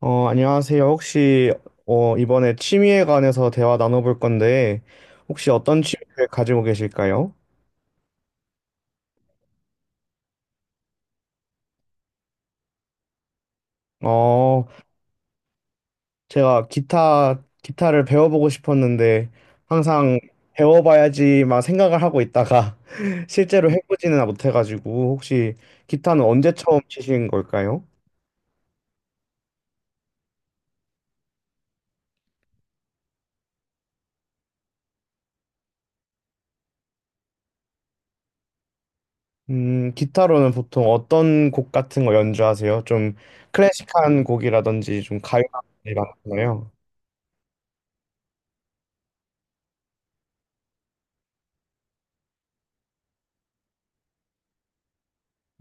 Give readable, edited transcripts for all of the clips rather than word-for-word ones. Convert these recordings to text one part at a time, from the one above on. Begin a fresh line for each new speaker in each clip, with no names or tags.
안녕하세요. 혹시 이번에 취미에 관해서 대화 나눠볼 건데 혹시 어떤 취미를 가지고 계실까요? 어, 제가 기타를 배워보고 싶었는데 항상 배워봐야지 막 생각을 하고 있다가 실제로 해보지는 못해가지고 혹시 기타는 언제 처음 치신 걸까요? 기타로는 보통 어떤 곡 같은 거 연주하세요? 좀 클래식한 곡이라든지 좀 가요 같은 게 많잖아요.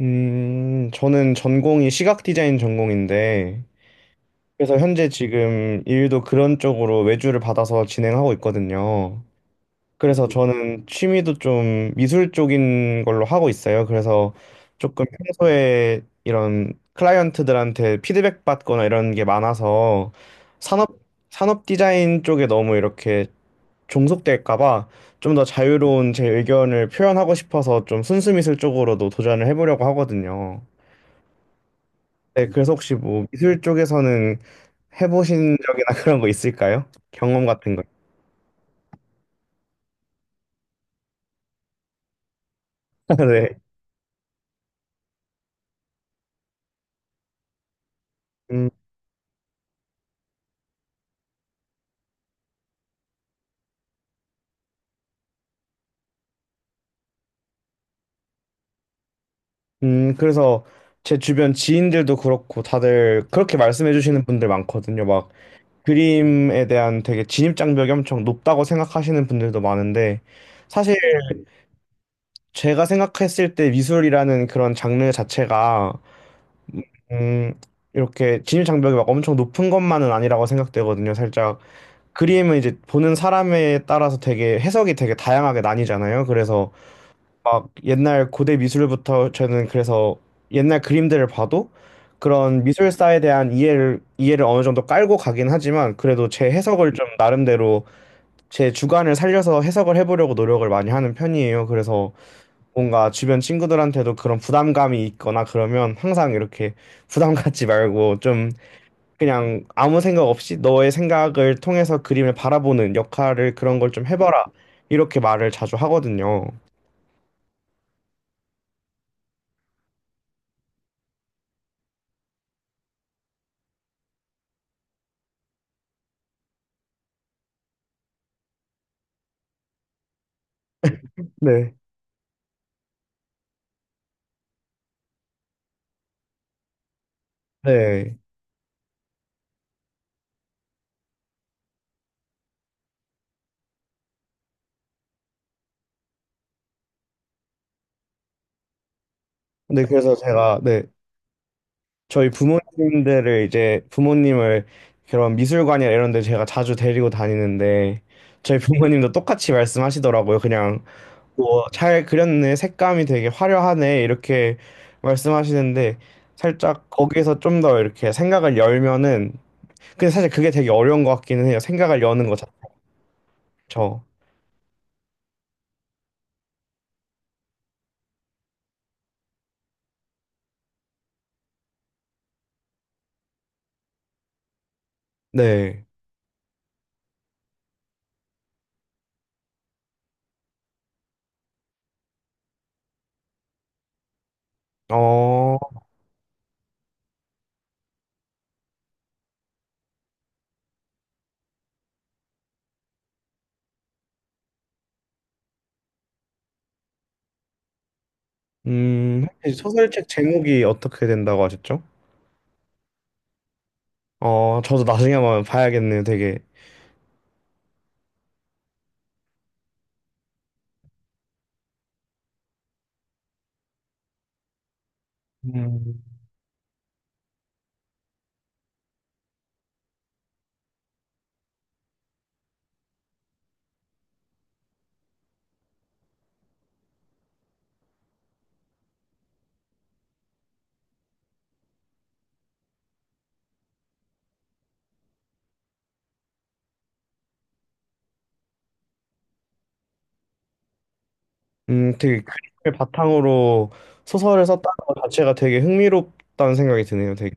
저는 전공이 시각 디자인 전공인데, 그래서 현재 지금 일도 그런 쪽으로 외주를 받아서 진행하고 있거든요. 그래서 저는 취미도 좀 미술 쪽인 걸로 하고 있어요. 그래서 조금 평소에 이런 클라이언트들한테 피드백 받거나 이런 게 많아서 산업, 산업 디자인 쪽에 너무 이렇게 종속될까 봐 좀 더 자유로운 제 의견을 표현하고 싶어서 좀 순수 미술 쪽으로도 도전을 해보려고 하거든요. 네, 그래서 혹시 뭐 미술 쪽에서는 해보신 적이나 그런 거 있을까요? 경험 같은 거. 네. 음, 그래서 제 주변 지인들도 그렇고 다들 그렇게 말씀해 주시는 분들 많거든요. 막 그림에 대한 되게 진입장벽이 엄청 높다고 생각하시는 분들도 많은데 사실 제가 생각했을 때 미술이라는 그런 장르 자체가 음, 이렇게 진입장벽이 막 엄청 높은 것만은 아니라고 생각되거든요. 살짝 그림은 이제 보는 사람에 따라서 되게 해석이 되게 다양하게 나뉘잖아요. 그래서 막 옛날 고대 미술부터 저는 그래서 옛날 그림들을 봐도 그런 미술사에 대한 이해를 어느 정도 깔고 가긴 하지만 그래도 제 해석을 좀 나름대로 제 주관을 살려서 해석을 해보려고 노력을 많이 하는 편이에요. 그래서 뭔가 주변 친구들한테도 그런 부담감이 있거나 그러면 항상 이렇게 부담 갖지 말고 좀 그냥 아무 생각 없이 너의 생각을 통해서 그림을 바라보는 역할을 그런 걸 좀 해봐라. 이렇게 말을 자주 하거든요. 네. 네. 네, 그래서 제가, 네. 저희 부모님들을 이제 부모님을 그런 미술관이나 이런 데 제가 자주 데리고 다니는데 저희 부모님도 똑같이 말씀하시더라고요. 그냥 뭐 잘 그렸네. 색감이 되게 화려하네. 이렇게 말씀하시는데 살짝 거기에서 좀 더 이렇게 생각을 열면은 근데 사실 그게 되게 어려운 것 같기는 해요. 생각을 여는 거 자체죠. 네. 어, 혹시 소설책 제목이 어떻게 된다고 하셨죠? 어, 저도 나중에 한번 봐야겠네요. 음, 되게 그림을 바탕으로 소설을 썼다는 것 자체가 되게 흥미롭다는 생각이 드네요. 되게.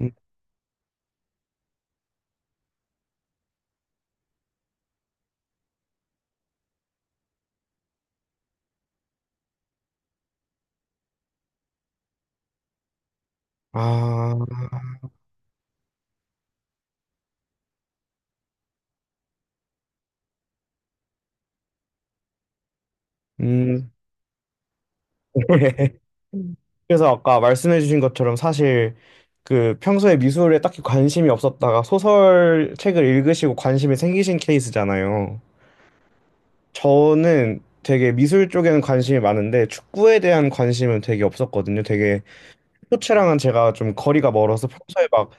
음, 아, 음, 그래서 아까 말씀해주신 것처럼 사실 그 평소에 미술에 딱히 관심이 없었다가 소설 책을 읽으시고 관심이 생기신 케이스잖아요. 저는 되게 미술 쪽에는 관심이 많은데 축구에 대한 관심은 되게 없었거든요. 되게 스포츠랑은 제가 좀 거리가 멀어서 평소에 막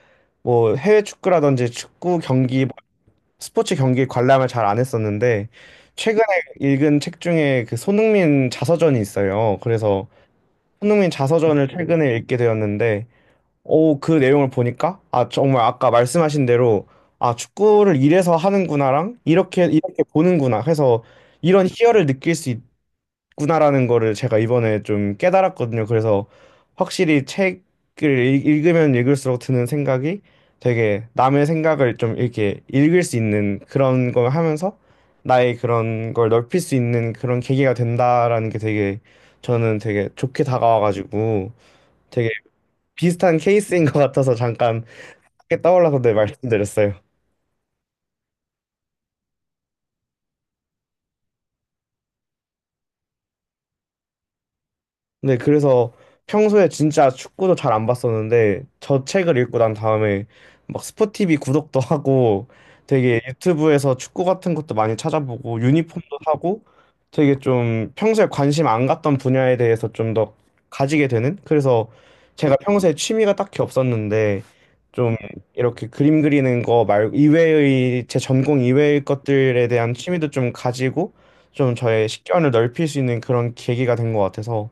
뭐 해외 축구라든지 축구 경기, 뭐 스포츠 경기 관람을 잘 안 했었는데 최근에 읽은 책 중에 그 손흥민 자서전이 있어요. 그래서 손흥민 자서전을 최근에 읽게 되었는데 오, 그 내용을 보니까 아, 정말 아까 말씀하신 대로 아, 축구를 이래서 하는구나랑 이렇게 이렇게 보는구나 해서 이런 희열을 느낄 수 있, 구나라는 거를 제가 이번에 좀 깨달았거든요. 그래서 확실히 책을 읽으면 읽을수록 드는 생각이 되게 남의 생각을 좀 이렇게 읽을 수 있는 그런 걸 하면서 나의 그런 걸 넓힐 수 있는 그런 계기가 된다라는 게 되게 저는 되게 좋게 다가와가지고 되게 비슷한 케이스인 것 같아서 잠깐 떠올라서 네, 말씀드렸어요. 네, 그래서 평소에 진짜 축구도 잘 안 봤었는데 저 책을 읽고 난 다음에 막 스포티비 구독도 하고 되게 유튜브에서 축구 같은 것도 많이 찾아보고 유니폼도 사고 되게 좀 평소에 관심 안 갔던 분야에 대해서 좀 더 가지게 되는 그래서 제가 평소에 취미가 딱히 없었는데 좀 이렇게 그림 그리는 거 말 이외의 제 전공 이외의 것들에 대한 취미도 좀 가지고 좀 저의 식견을 넓힐 수 있는 그런 계기가 된 것 같아서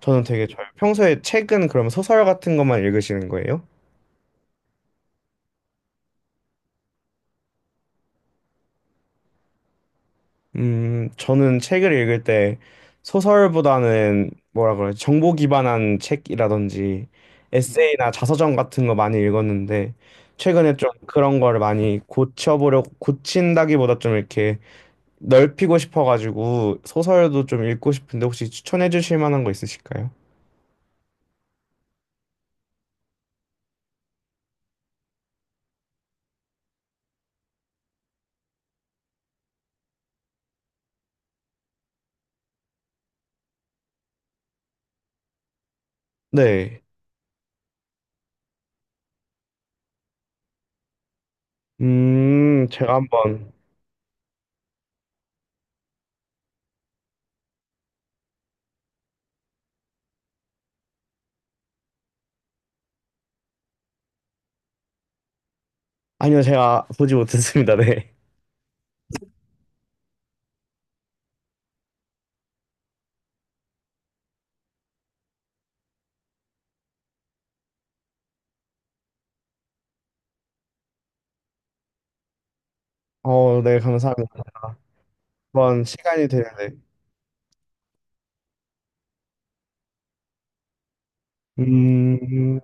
저는 되게 잘 평소에 책은 그럼 소설 같은 것만 읽으시는 거예요? 저는 책을 읽을 때 소설보다는 뭐라 그래, 정보 기반한 책이라든지 에세이나 자서전 같은 거 많이 읽었는데 최근에 좀 그런 거를 많이 고쳐보려고 고친다기보다 좀 이렇게 넓히고 싶어가지고 소설도 좀 읽고 싶은데 혹시 추천해 주실 만한 거 있으실까요? 네. 제가 한번 아니요, 제가 보지 못했습니다. 네. 어, 네, 감사합니다. 한번 시간이 되는데 음,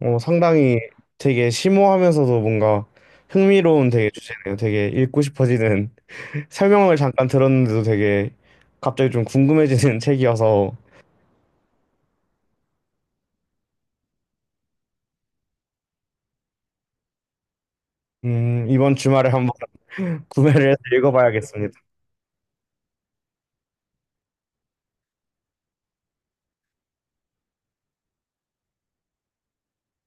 어, 상당히 되게 심오하면서도 뭔가 흥미로운 되게 주제네요. 되게 읽고 싶어지는 설명을 잠깐 들었는데도 되게 갑자기 좀 궁금해지는 책이어서 이번 주말에 한번 구매를 해서 읽어봐야겠습니다.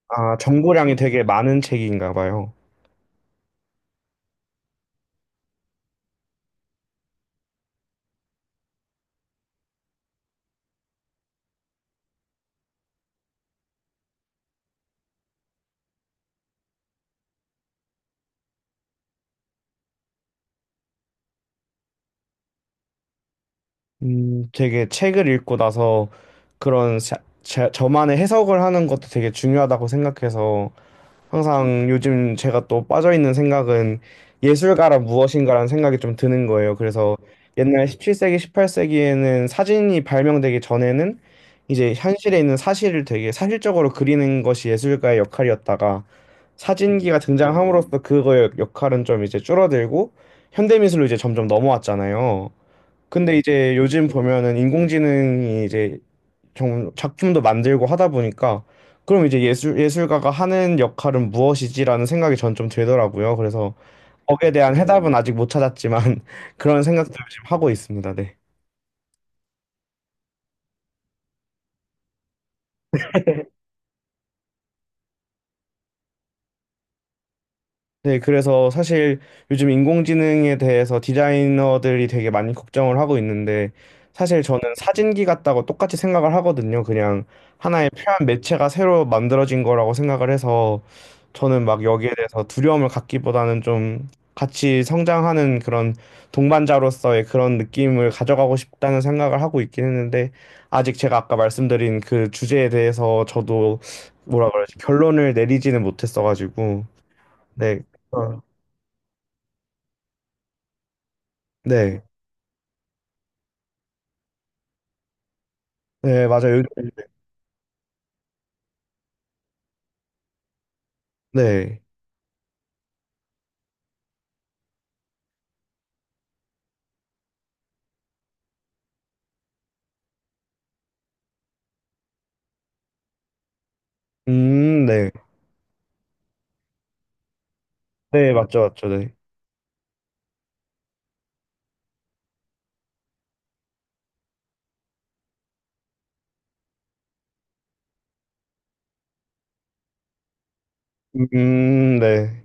아, 정보량이 되게 많은 책인가 봐요. 되게 책을 읽고 나서 그런 저만의 해석을 하는 것도 되게 중요하다고 생각해서 항상 요즘 제가 또 빠져있는 생각은 예술가란 무엇인가라는 생각이 좀 드는 거예요. 그래서 옛날 17세기, 18세기에는 사진이 발명되기 전에는 이제 현실에 있는 사실을 되게 사실적으로 그리는 것이 예술가의 역할이었다가 사진기가 등장함으로써 그거의 역할은 좀 이제 줄어들고 현대미술로 이제 점점 넘어왔잖아요. 근데 이제 요즘 보면은 인공지능이 이제 좀 작품도 만들고 하다 보니까 그럼 이제 예술가가 하는 역할은 무엇이지라는 생각이 전 좀 들더라고요. 그래서 거기에 대한 해답은 아직 못 찾았지만 그런 생각도 지금 하고 있습니다. 네. 네, 그래서 사실 요즘 인공지능에 대해서 디자이너들이 되게 많이 걱정을 하고 있는데 사실 저는 사진기 같다고 똑같이 생각을 하거든요. 그냥 하나의 표현 매체가 새로 만들어진 거라고 생각을 해서 저는 막 여기에 대해서 두려움을 갖기보다는 좀 같이 성장하는 그런 동반자로서의 그런 느낌을 가져가고 싶다는 생각을 하고 있긴 했는데 아직 제가 아까 말씀드린 그 주제에 대해서 저도 뭐라 그러지 결론을 내리지는 못했어가지고 네. 네. 네, 맞아요. 요즘- 네. 네. 네, 맞죠, 맞죠. 네. 네.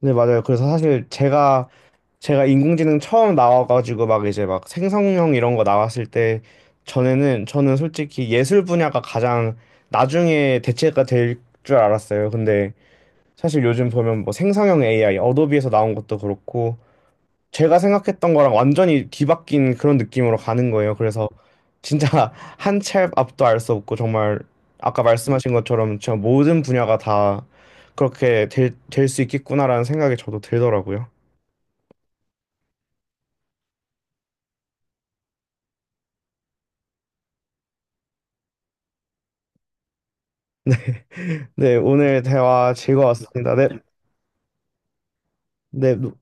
네, 맞아요. 그래서 사실 제가 인공지능 처음 나와가지고 막 이제 막 생성형 이런 거 나왔을 때 전에는 저는 솔직히 예술 분야가 가장 나중에 대체가 될 줄 알았어요. 근데 사실 요즘 보면 뭐 생성형 AI, 어도비에서 나온 것도 그렇고 제가 생각했던 거랑 완전히 뒤바뀐 그런 느낌으로 가는 거예요. 그래서 진짜 한 치 앞도 알 수 없고 정말 아까 말씀하신 것처럼 진짜 모든 분야가 다 그렇게 될 수 있겠구나라는 생각이 저도 들더라고요. 네, 오늘 대화 즐거웠습니다. 네, 네,